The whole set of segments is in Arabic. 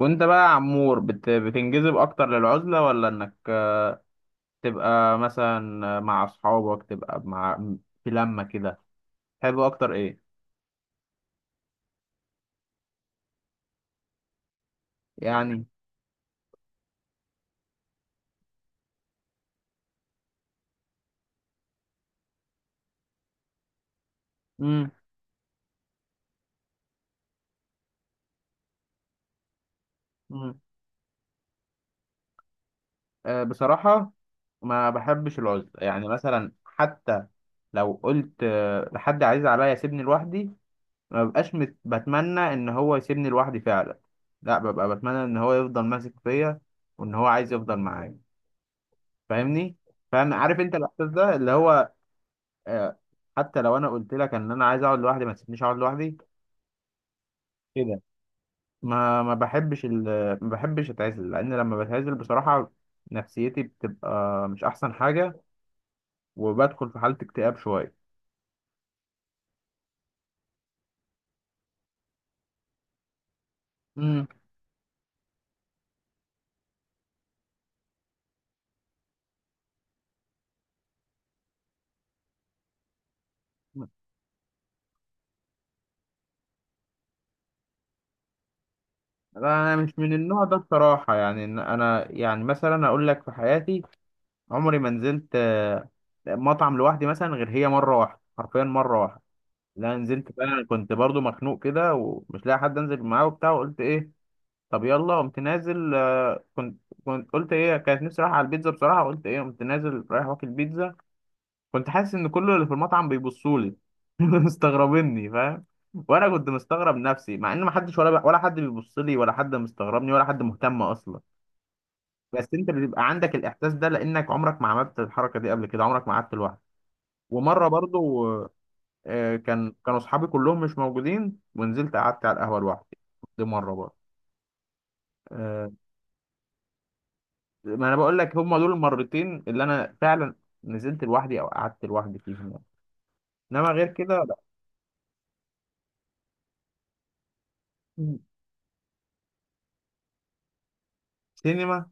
وانت بقى يا عمور بتنجذب اكتر للعزلة، ولا انك تبقى مثلا مع اصحابك، تبقى مع في لمة كده؟ تحب اكتر ايه يعني؟ امم. امم. بصراحة ما بحبش العزلة، يعني مثلا حتى لو قلت لحد عزيز عليا سيبني لوحدي، ما ببقاش بتمنى ان هو يسيبني لوحدي فعلا. لا، ببقى بتمنى ان هو يفضل ماسك فيا، وان هو عايز يفضل معايا. فاهمني؟ فاهم؟ عارف انت الاحساس ده اللي هو آه، حتى لو انا قلت لك ان انا عايز اقعد لوحدي ما تسيبنيش اقعد لوحدي كده. ما ما بحبش ال... ما بحبش اتعزل، لان لما بتعزل بصراحة نفسيتي بتبقى مش احسن حاجة، وبدخل في حالة اكتئاب شوية. امم. لا، انا مش من النوع ده بصراحة، يعني إن انا يعني مثلا اقول لك في حياتي عمري ما نزلت مطعم لوحدي مثلا، غير هي مرة واحدة حرفيا مرة واحدة. لا، نزلت بقى، انا كنت برضو مخنوق كده ومش لاقي حد انزل معاه وبتاع، وقلت ايه طب يلا قمت نازل. كنت قلت ايه، كانت نفسي رايحة على البيتزا بصراحة، قلت ايه قمت نازل رايح واكل بيتزا. كنت حاسس ان كل اللي في المطعم بيبصوا لي مستغربيني، فاهم؟ وانا كنت مستغرب نفسي، مع ان ما حدش ولا حد بيبص لي، ولا حد مستغربني، ولا حد مهتم اصلا. بس انت بيبقى عندك الاحساس ده لانك عمرك ما عملت الحركة دي قبل كده، عمرك ما قعدت لوحدك. ومرة برضو، كانوا اصحابي كلهم مش موجودين ونزلت قعدت على القهوة لوحدي. دي مرة برضو. آه، ما انا بقول لك هم دول المرتين اللي انا فعلا نزلت لوحدي او قعدت لوحدي فيهم يعني. انما غير كده لا. مم. سينما؟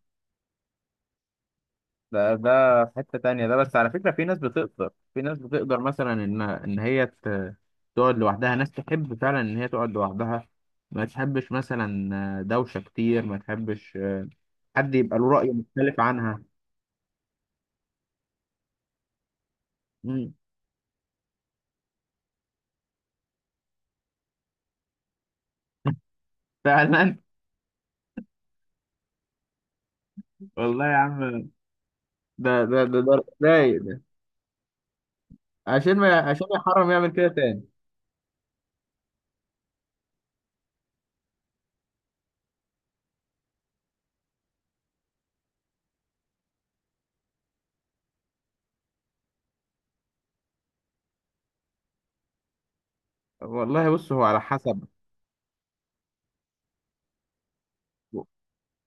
ده في حتة تانية، ده بس على فكرة في ناس بتقدر، في ناس بتقدر مثلا ان هي تقعد لوحدها، ناس تحب فعلا ان هي تقعد لوحدها، ما تحبش مثلا دوشة كتير، ما تحبش حد يبقى له رأي مختلف عنها. مم. فعلا. والله يا عم، ده رايق ده، عشان ما عشان يا حرام يعمل كده تاني. والله بص، هو على حسب.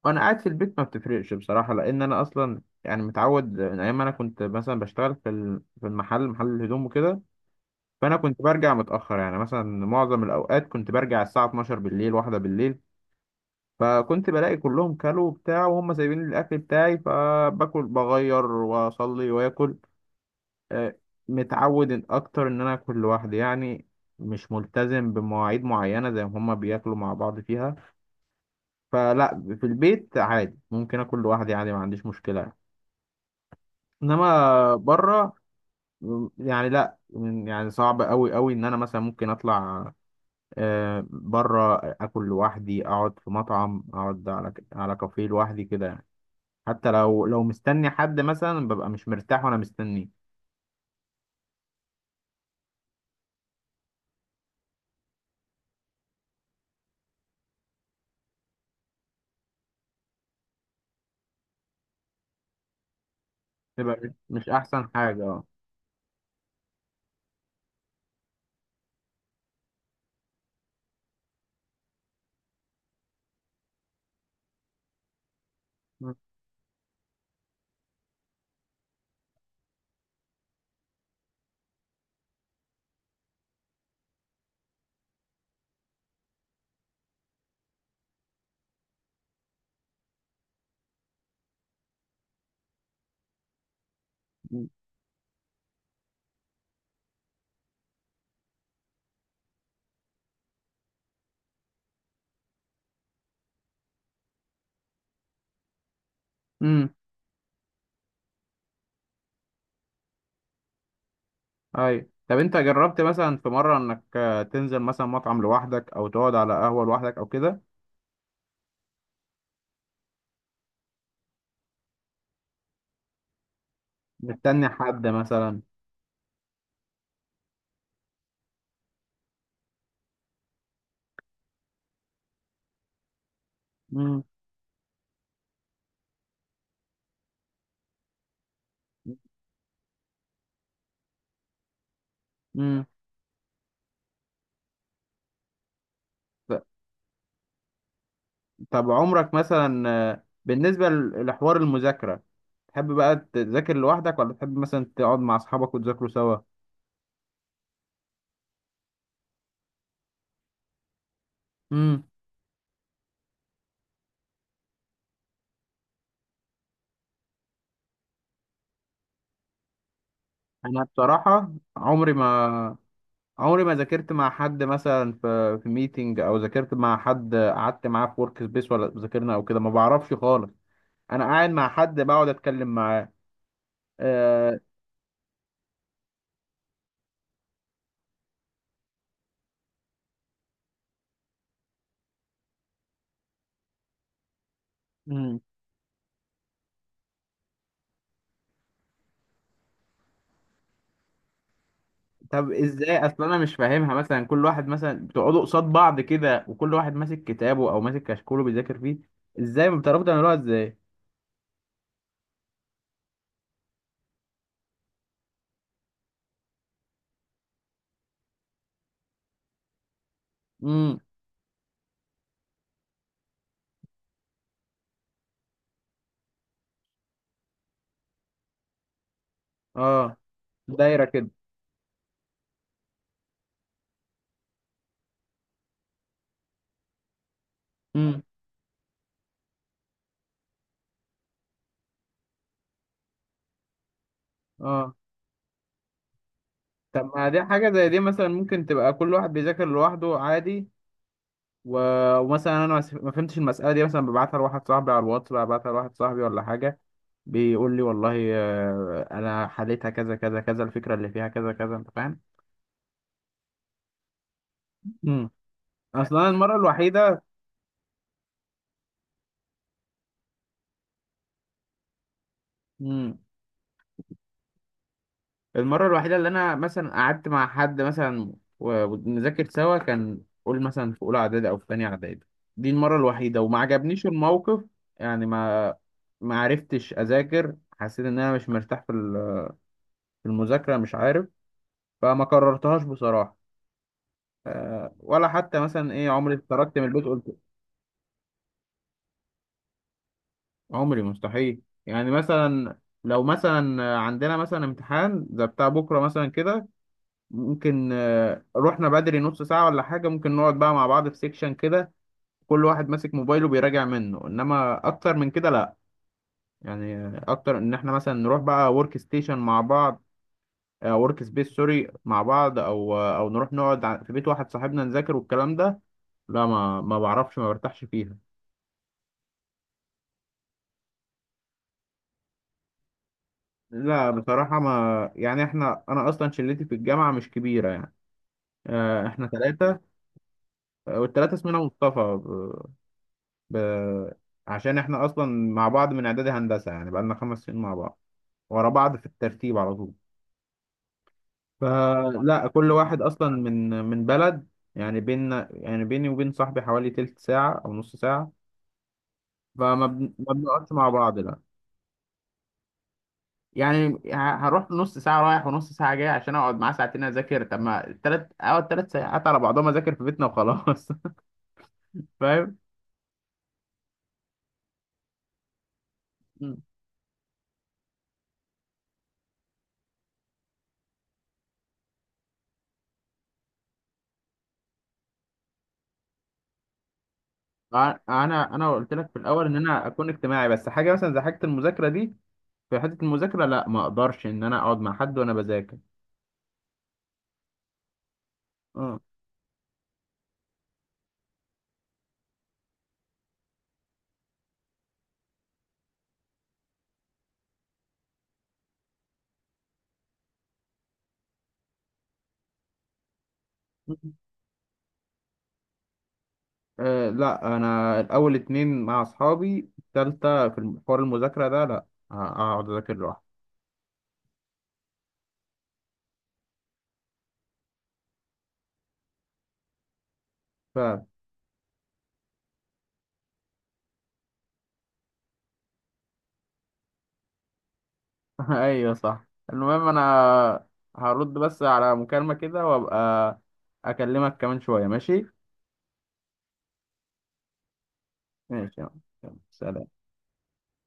وانا قاعد في البيت ما بتفرقش بصراحه، لان انا اصلا يعني متعود من ايام ما انا كنت مثلا بشتغل في المحل، محل الهدوم وكده. فانا كنت برجع متاخر، يعني مثلا معظم الاوقات كنت برجع الساعه 12 بالليل، واحدة بالليل. فكنت بلاقي كلهم كلوا وبتاع، وهم سايبين لي الاكل بتاعي، فباكل بغير واصلي واكل. آه، متعود اكتر ان انا اكل لوحدي يعني، مش ملتزم بمواعيد معينه زي ما هما بياكلوا مع بعض فيها. فلا، في البيت عادي ممكن اكل لوحدي عادي، ما عنديش مشكله. انما بره يعني، لا، يعني صعب قوي قوي ان انا مثلا ممكن اطلع بره، اكل لوحدي، اقعد في مطعم، اقعد على على كافيه لوحدي كده يعني. حتى لو لو مستني حد مثلا، ببقى مش مرتاح وانا مستنيه. بيبقى مش مش احسن حاجه. اه. امم. اي طب انت جربت مثلا في مره انك تنزل مثلا مطعم لوحدك، او تقعد على قهوه لوحدك، او كده؟ مستني حد مثلا؟ امم. امم. طب عمرك مثلا بالنسبة لحوار المذاكرة، تحب بقى تذاكر لوحدك، ولا تحب مثلا تقعد مع أصحابك وتذاكروا سوا؟ امم. أنا بصراحة عمري ما ذاكرت مع حد مثلا، في ميتنج، أو ذاكرت مع حد قعدت معاه في ورك سبيس ولا ذاكرنا، أو كده ما بعرفش خالص. أنا قاعد مع حد بقعد أتكلم معاه. آه، طب ازاي؟ اصل انا مش فاهمها، مثلا كل واحد مثلا بتقعدوا قصاد بعض كده، وكل واحد ماسك كتابه او ماسك كشكوله بيذاكر فيه، ازاي ما بتعرفوا تعملوها ازاي؟ امم. اه. دايره كده. امم. اه. طب ما دي حاجه زي دي مثلا ممكن تبقى كل واحد بيذاكر لوحده عادي، و... ومثلا انا ما فهمتش المساله دي مثلا، ببعتها لواحد صاحبي على الواتس بقى، ببعتها لواحد صاحبي ولا حاجه، بيقول لي والله انا حليتها كذا كذا كذا، الفكره اللي فيها كذا كذا، انت فاهم. امم. اصلا المره الوحيده المرة الوحيدة اللي أنا مثلا قعدت مع حد مثلا ونذاكر سوا، كان قول مثلا في أولى إعدادي أو في تانية إعدادي. دي المرة الوحيدة وما عجبنيش الموقف. يعني ما عرفتش أذاكر، حسيت إن أنا مش مرتاح في المذاكرة، مش عارف. فما كررتهاش بصراحة. ولا حتى مثلا إيه عمري اتخرجت من البيت قلت عمري مستحيل. يعني مثلا لو مثلا عندنا مثلا امتحان زي بتاع بكرة مثلا كده، ممكن رحنا بدري نص ساعة ولا حاجة، ممكن نقعد بقى مع بعض في سيكشن كده، كل واحد ماسك موبايله بيراجع منه. انما اكتر من كده لا، يعني اكتر ان احنا مثلا نروح بقى ورك ستيشن مع بعض، ورك سبيس سوري مع بعض، او او نروح نقعد في بيت واحد صاحبنا نذاكر والكلام ده، لا، ما بعرفش، ما برتاحش فيها. لا بصراحة، ما يعني احنا، انا اصلا شلتي في الجامعة مش كبيرة يعني، احنا ثلاثة، والثلاثة اسمنا مصطفى. ب... عشان احنا اصلا مع بعض من اعدادي هندسه، يعني بقالنا 5 سنين مع بعض ورا بعض في الترتيب على طول. فلا، كل واحد اصلا من بلد، يعني بيننا يعني بيني وبين صاحبي حوالي تلت ساعه او نص ساعه، ما بنقعدش مع بعض لا، يعني هروح نص ساعه رايح ونص ساعه جاي عشان اقعد معاه ساعتين اذاكر؟ طب ما التلات اقعد 3 ساعات على بعضهم اذاكر في بيتنا وخلاص. فاهم؟ مم. ع- انا قلت لك في الاول ان انا اكون اجتماعي، بس حاجه مثلا زي حاجه المذاكره دي، في حتة المذاكرة لا، ما اقدرش ان انا اقعد مع حد وانا بذاكر. اه. أه لا، انا الاول اتنين مع اصحابي، التالتة في حوار المذاكرة ده لا، اقعد اذاكر لوحدي. ف... ايوه صح. المهم انا هرد بس على مكالمة كده، وابقى اكلمك كمان شوية ماشي؟ ماشي يلا. يلا، سلام.